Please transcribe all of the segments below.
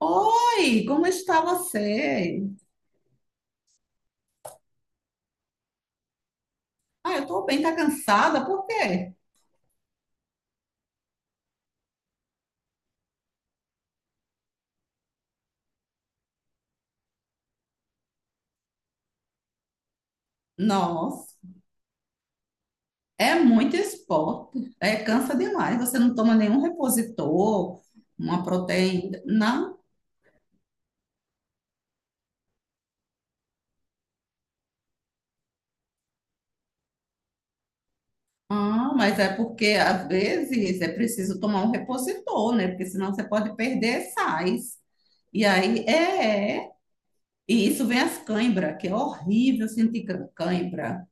Oi, como está você? Ah, eu tô bem, tá cansada? Por quê? Nossa, é muito esporte. É, cansa demais. Você não toma nenhum repositor, uma proteína, não? Ah, mas é porque às vezes é preciso tomar um repositor, né? Porque senão você pode perder sais. E aí, é. E isso vem as cãibras, que é horrível sentir cãibra.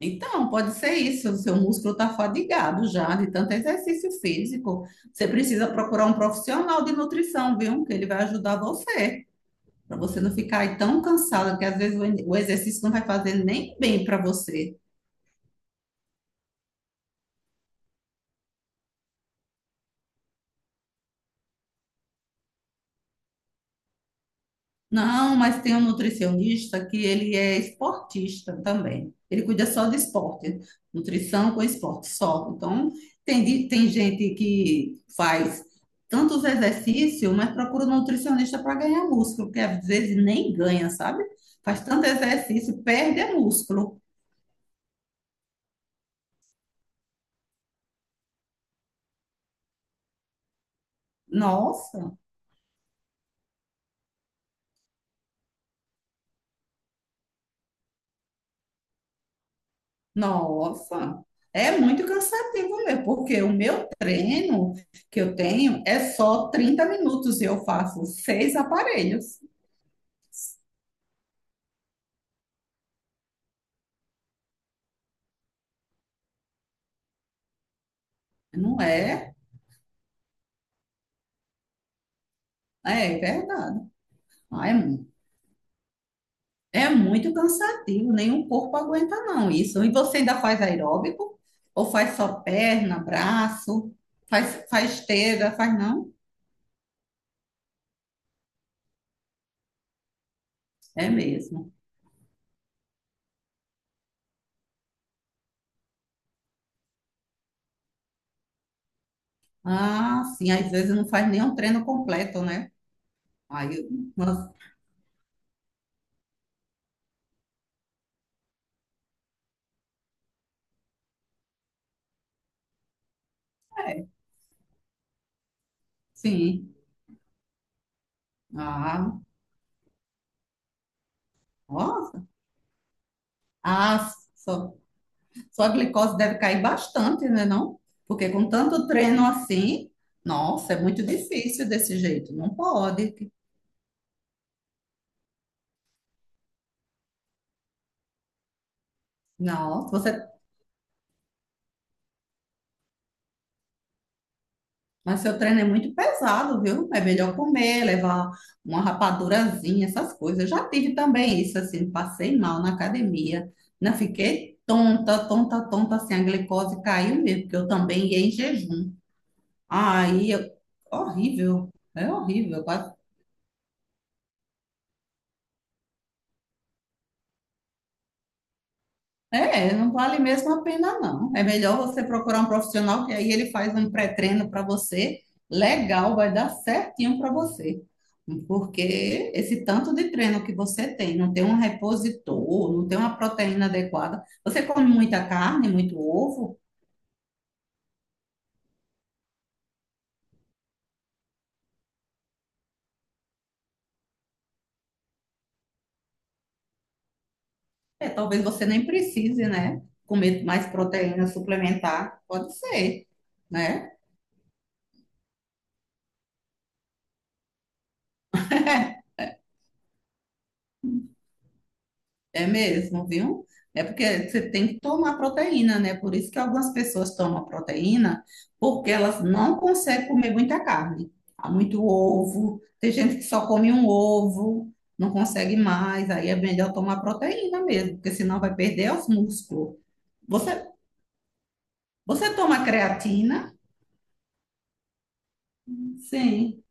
Então, pode ser isso. O seu músculo está fadigado já de tanto exercício físico. Você precisa procurar um profissional de nutrição, viu? Que ele vai ajudar você, para você não ficar aí tão cansada, que às vezes o exercício não vai fazer nem bem para você. Não, mas tem um nutricionista que ele é esportista também. Ele cuida só de esporte, nutrição com esporte só. Então, tem gente que faz tantos exercícios, mas procura um nutricionista para ganhar músculo, porque às vezes nem ganha, sabe? Faz tanto exercício, perde é músculo. Nossa, nossa. É muito cansativo mesmo, porque o meu treino que eu tenho é só 30 minutos e eu faço seis aparelhos. Não é? É verdade. Ah, é muito cansativo, nenhum corpo aguenta não isso. E você ainda faz aeróbico? Ou faz só perna, braço? Faz, faz esteira, faz não? É mesmo. Ah, sim, às vezes não faz nenhum treino completo, né? Aí, eu- mas, é, sim. Ah, ó, ah, sua glicose deve cair bastante, né, não? Porque com tanto treino assim, nossa, é muito difícil desse jeito, não pode. Nossa, você... mas seu treino é muito pesado, viu? É melhor comer, levar uma rapadurazinha, essas coisas. Eu já tive também isso, assim, passei mal na academia, né? Fiquei tonta, tonta, tonta, assim, a glicose caiu mesmo, porque eu também ia em jejum. Aí, eu- horrível, é horrível. É, não vale mesmo a pena, não. É melhor você procurar um profissional que aí ele faz um pré-treino para você. Legal, vai dar certinho para você. Porque esse tanto de treino que você tem, não tem um repositor, não tem uma proteína adequada. Você come muita carne, muito ovo, é, talvez você nem precise, né? Comer mais proteína suplementar, pode ser, né? É mesmo, viu? É porque você tem que tomar proteína, né? Por isso que algumas pessoas tomam proteína, porque elas não conseguem comer muita carne. Há muito ovo, tem gente que só come um ovo, não consegue mais, aí é melhor tomar proteína mesmo, porque senão vai perder os músculos. Você, você toma creatina? Sim.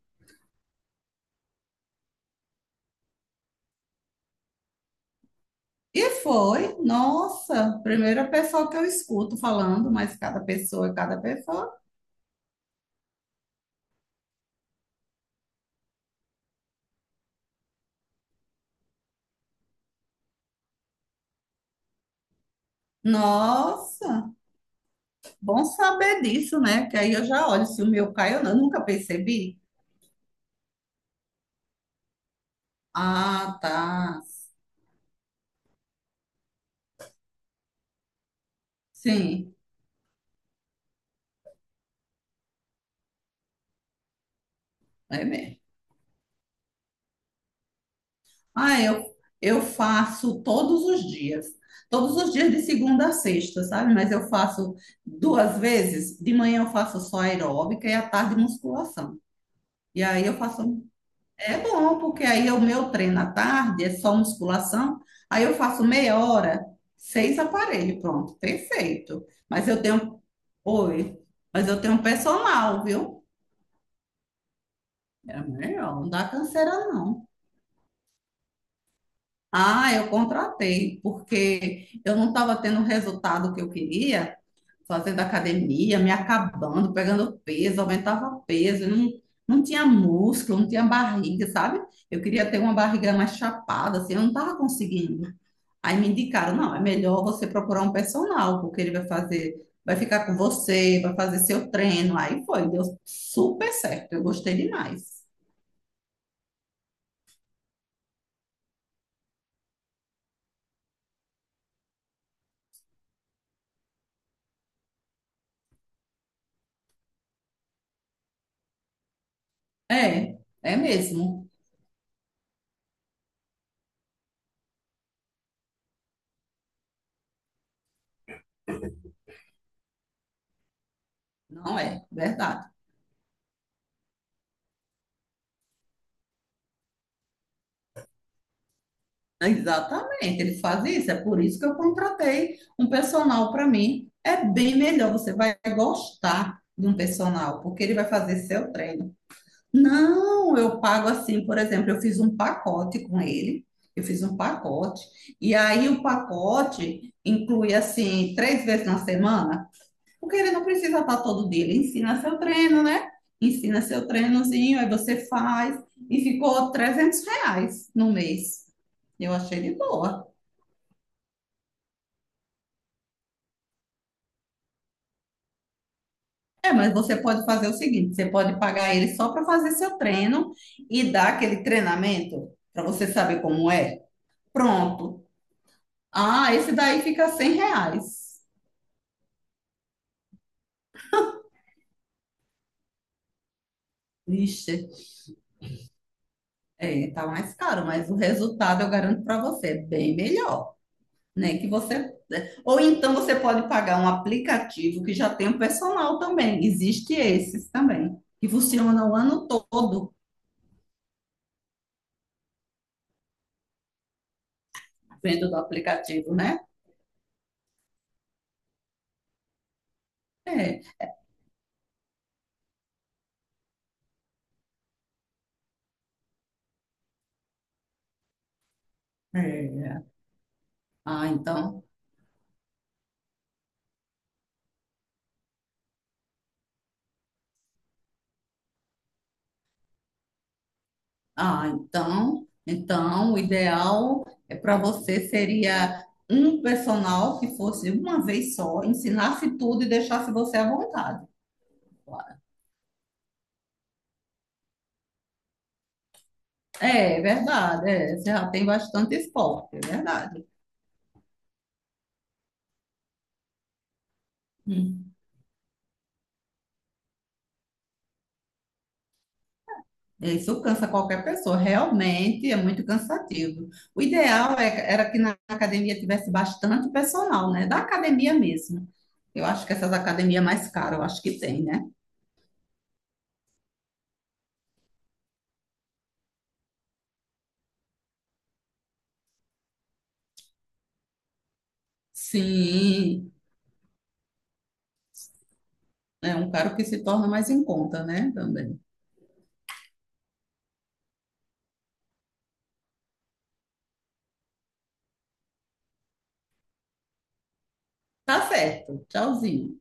E foi, nossa, primeira pessoa que eu escuto falando, mas cada pessoa é cada pessoa. Nossa! Bom saber disso, né? Que aí eu já olho se o meu cai ou não. Eu nunca percebi. Ah, tá. Sim, é mesmo. Ah, eu faço todos os dias. Todos os dias de segunda a sexta, sabe? Mas eu faço duas vezes. De manhã eu faço só aeróbica e à tarde musculação. E aí eu faço. É bom, porque aí o meu treino à tarde é só musculação. Aí eu faço meia hora, seis aparelhos, pronto, perfeito. Mas eu tenho. Oi, mas eu tenho personal, viu? É melhor, não dá canseira, não. Ah, eu contratei, porque eu não estava tendo o resultado que eu queria, fazendo academia, me acabando, pegando peso, aumentava peso, não, não tinha músculo, não tinha barriga, sabe? Eu queria ter uma barriga mais chapada, assim, eu não estava conseguindo. Aí me indicaram, não, é melhor você procurar um personal, porque ele vai fazer, vai ficar com você, vai fazer seu treino. Aí foi, deu super certo, eu gostei demais. É, é mesmo, não é, verdade. Exatamente, ele faz isso, é por isso que eu contratei um personal para mim. É bem melhor, você vai gostar de um personal, porque ele vai fazer seu treino. Não, eu pago assim, por exemplo, eu fiz um pacote com ele, eu fiz um pacote, e aí o pacote inclui assim, três vezes na semana, porque ele não precisa estar todo dia, ele ensina seu treino, né? Ensina seu treinozinho, aí você faz, e ficou R$ 300 no mês. Eu achei de boa. É, mas você pode fazer o seguinte: você pode pagar ele só para fazer seu treino e dar aquele treinamento para você saber como é. Pronto. Ah, esse daí fica R$ 100. Vixe, é, tá mais caro, mas o resultado eu garanto para você, é bem melhor, né? Que você é, ou então você pode pagar um aplicativo que já tem o personal também. Existe esses também, que funciona o ano todo, vendo do aplicativo, né? É. É. Ah, então então o ideal é para você seria um personal que fosse uma vez só, ensinasse tudo e deixasse você à vontade. É, é verdade, é, você já tem bastante esporte, é verdade. Hum. Isso cansa qualquer pessoa, realmente é muito cansativo. O ideal era que na academia tivesse bastante personal, né? Da academia mesmo. Eu acho que essas academias mais caras, eu acho que tem, né? Sim. É um caro que se torna mais em conta, né? Também. Tá certo. Tchauzinho.